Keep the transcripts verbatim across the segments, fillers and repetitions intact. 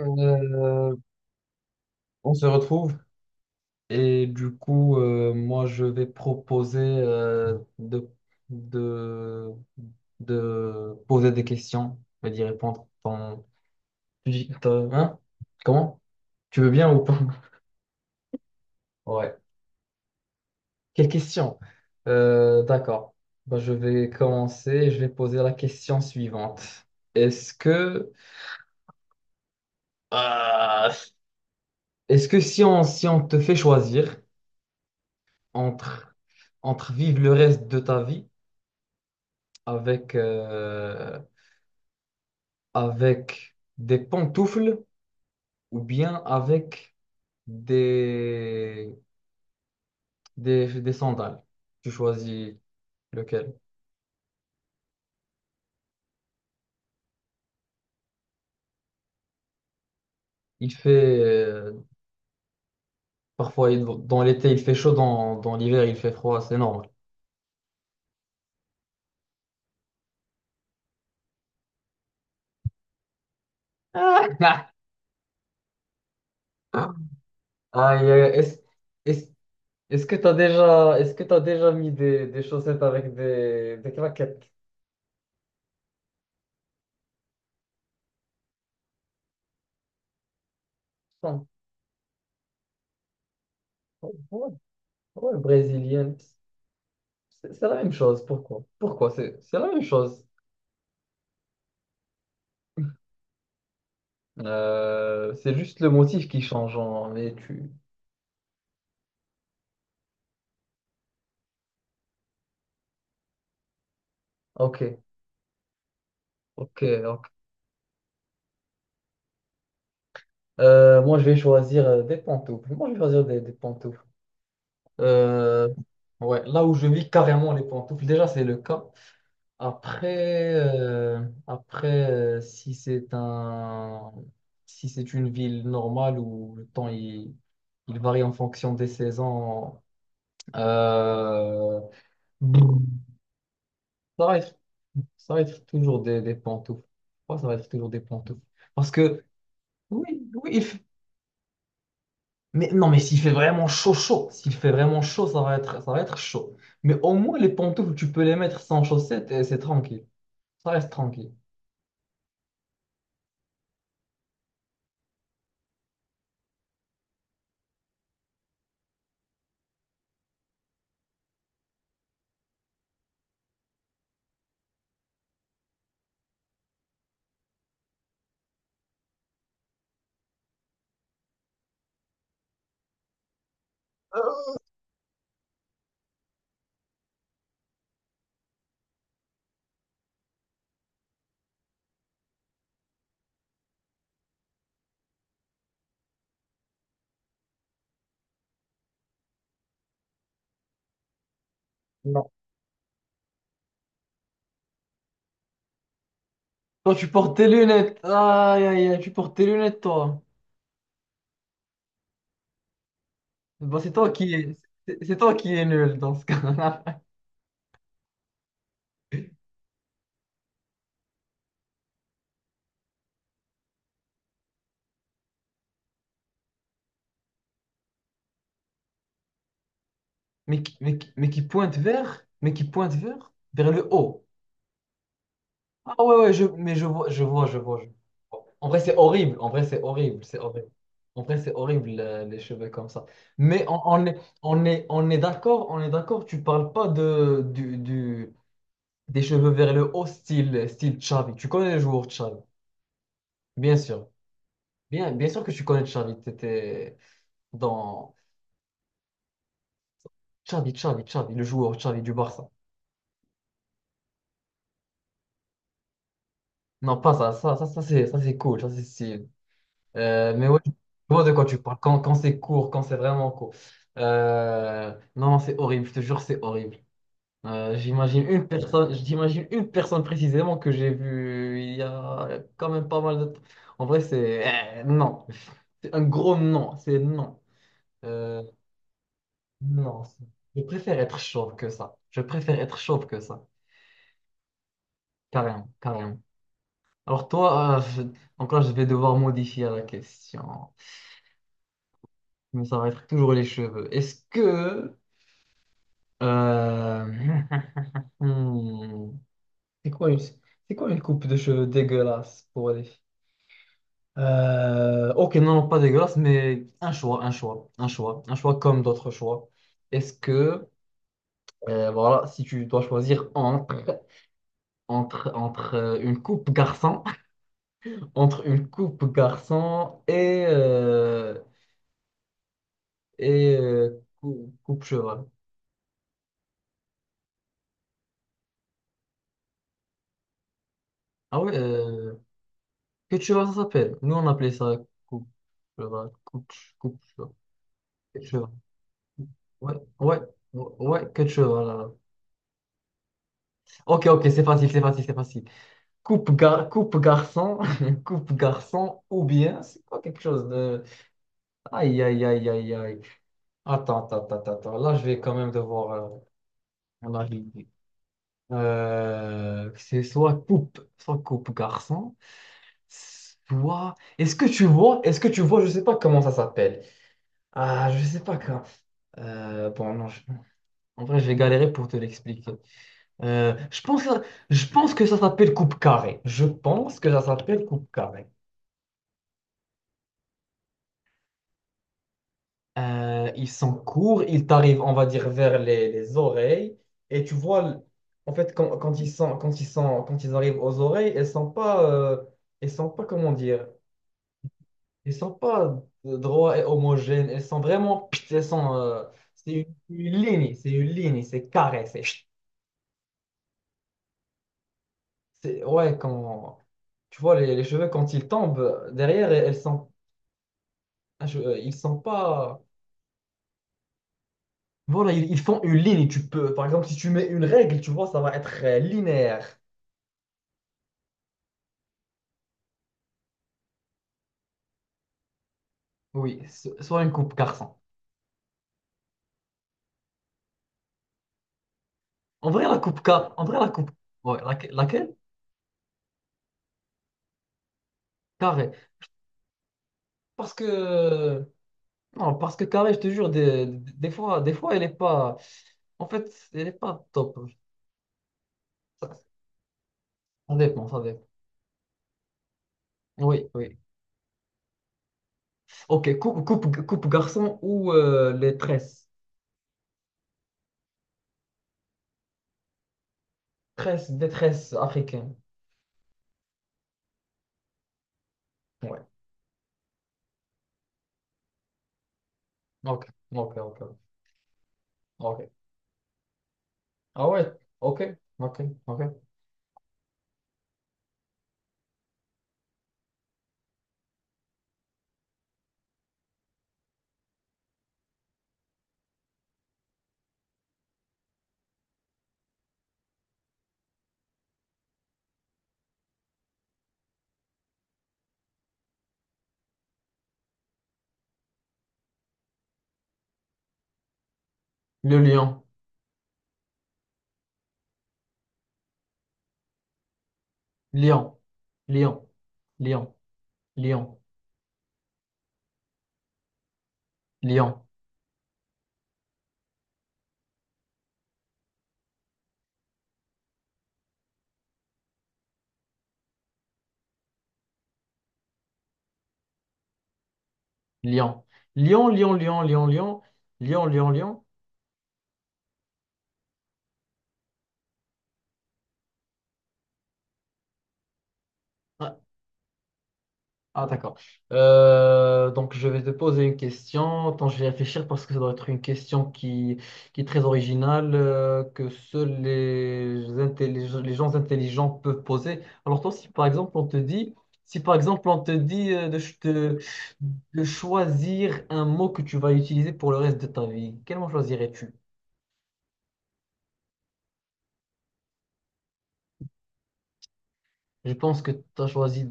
Euh, on se retrouve et du coup, euh, moi, je vais proposer euh, de, de, de poser des questions et d'y répondre. Ton, tu dis- ton- hein? Comment? Tu veux bien ou pas? Ouais. Quelle question? Euh, d'accord. Bah, je vais commencer. Je vais poser la question suivante. Est-ce que, Ah. est-ce que si on, si on te fait choisir entre, entre vivre le reste de ta vie avec, euh, avec des pantoufles ou bien avec des, des, des sandales. Tu choisis lequel. Il fait, euh, parfois, il- dans l'été, il fait chaud, dans, dans l'hiver, il fait froid, c'est normal. Aïe, aïe, aïe. est-ce, est-ce, est-ce que tu as déjà, est-ce que tu déjà mis des, des chaussettes avec des, des claquettes? Non. Ouais, ouais, brésilienne. C'est c'est la même chose. Pourquoi? Pourquoi? C'est c'est la même chose. Euh, c'est juste le motif qui change, en- mais tu... Ok, ok, ok. Euh, moi, je vais choisir euh, des pantoufles. Moi, je vais choisir des, des pantoufles. Euh, ouais, là où je vis carrément les pantoufles, déjà, c'est le cas. Après, euh, après euh, si c'est un... si c'est une ville normale où le temps, il, il varie en fonction des saisons, euh, Ça va être, ça va être toujours des, des pantoufles. Pourquoi ça va être toujours des pantoufles? Parce que, oui, oui, il fait- mais non, mais s'il fait vraiment chaud, chaud, s'il fait vraiment chaud, ça va être, ça va être chaud. Mais au moins, les pantoufles, tu peux les mettre sans chaussettes et c'est tranquille. Ça reste tranquille. Non. Toi, tu portes tes lunettes. Aïe, aïe, aïe, tu portes tes lunettes, toi. Bah, c'est toi qui est, c'est c'est toi qui est nul dans ce cas-là. Mais, qui- mais, qui- mais qui pointe vers, mais qui pointe vers, vers le haut. Ah ouais, ouais, je, mais je vois, je vois, je vois. Je vois. En vrai, c'est horrible. En vrai, c'est horrible. C'est horrible. En vrai, c'est horrible, euh, les cheveux comme ça. Mais on, on est, on est, on est d'accord, on est d'accord. Tu parles pas de, du, du- des cheveux vers le haut, style, style Xavi. Tu connais le joueur Xavi, bien sûr. Bien, bien sûr que tu connais Xavi. T'étais dans Xavi, Xavi, Xavi, le joueur Xavi du Barça. Non, pas ça. Ça, ça, ça, c'est, ça, c'est cool. Ça, c'est stylé. Euh, mais ouais, je vois de quoi tu parles. Quand, quand c'est court, quand c'est vraiment court. Euh, non, c'est horrible, je te jure, c'est horrible. Euh, j'imagine une personne, j'imagine une personne précisément que j'ai vue il y a quand même pas mal de temps. En vrai, c'est euh, non. C'est un gros non, c'est non. Euh, non, c'est- je préfère être chauve que ça. Je préfère être chauve que ça. Carrément, carrément. Alors toi, euh, je- donc là, je vais devoir modifier la question. Mais ça va être toujours les cheveux. Est-ce que Euh, hmm. C'est quoi une... C'est quoi une coupe de cheveux dégueulasse pour les Euh, ok, non, non, pas dégueulasse, mais un choix, un choix, un choix, un choix comme d'autres choix. Est-ce que, euh, voilà, si tu dois choisir entre, entre, entre euh, une coupe garçon, entre une coupe garçon et, euh, et euh, cou- coupe cheval. Ah ouais, euh, que cheval ça s'appelle? Nous on appelait ça coupe cheval, coupe, coupe cheval. Ouais, ouais, ouais, ouais, quelque chose. Voilà. Ok, ok, c'est facile, c'est facile, c'est facile. Coupe, gar coupe garçon, coupe garçon, ou bien c'est pas quelque chose de. Aïe, aïe, aïe, aïe, aïe. Attends, attends, attends, attends. Attends. Là, je vais quand même devoir euh, en arriver. Euh, c'est soit coupe, soit coupe garçon, soit. Est-ce que tu vois, est-ce que tu vois, je sais pas comment ça s'appelle. Ah, je sais pas quand. Euh, bon, non, je- en vrai, je vais galérer pour te l'expliquer. Euh, je pense, je pense que ça s'appelle coupe carrée. Je pense que ça s'appelle coupe carrée. Euh, ils sont courts, ils t'arrivent, on va dire, vers les, les oreilles. Et tu vois, l- en fait, quand, quand ils sont, quand ils sont, quand ils arrivent aux oreilles, elles sont pas, euh, elles sont pas, comment dire, elles sont pas euh, droits et homogènes. Elles sont vraiment, pit, elles sont, euh, c'est une, une ligne, c'est une ligne, c'est carré, c'est, c'est- ouais, quand, tu vois, les, les cheveux quand ils tombent euh, derrière, elles sont Ah, je- euh, ils sont pas. Voilà, ils, ils font une ligne. Tu peux, par exemple, si tu mets une règle, tu vois, ça va être euh, linéaire. Oui, so- soit une coupe garçon. En vrai, la coupe car, en vrai, la coupe. Ouais, laque- laquelle? Carré. Parce que non, parce que carré, je te jure, des, des fois, des fois, elle est pas. En fait, elle est pas top. Ça, ça dépend, ça dépend. Oui, oui. Ok, coupe, coupe, coupe garçon ou euh, les tresses. Tresses, des tresses africaines. Ouais. Ok, ok, ok. ok. Ah ouais, ok, ok, ok. Le lion, lion, lion, lion, lion, lion, lion, lion, lion, lion, lion, lion, lion, lion, lion. Ah, d'accord. Euh, donc, je vais te poser une question. Attends, je vais réfléchir parce que ça doit être une question qui, qui est très originale, euh, que seuls les, intellig- les gens intelligents peuvent poser. Alors, toi, si par exemple, on te dit, si par exemple, on te dit euh, de, ch- de- de choisir un mot que tu vas utiliser pour le reste de ta vie, quel mot choisirais-tu? Je pense que tu as choisi,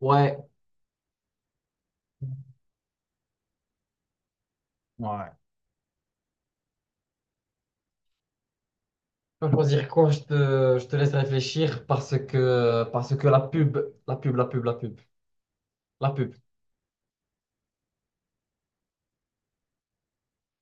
ouais, Ouais. Je vais choisir quoi? Je te, je te laisse réfléchir parce que, parce que la pub, la pub, la pub, la pub, la pub.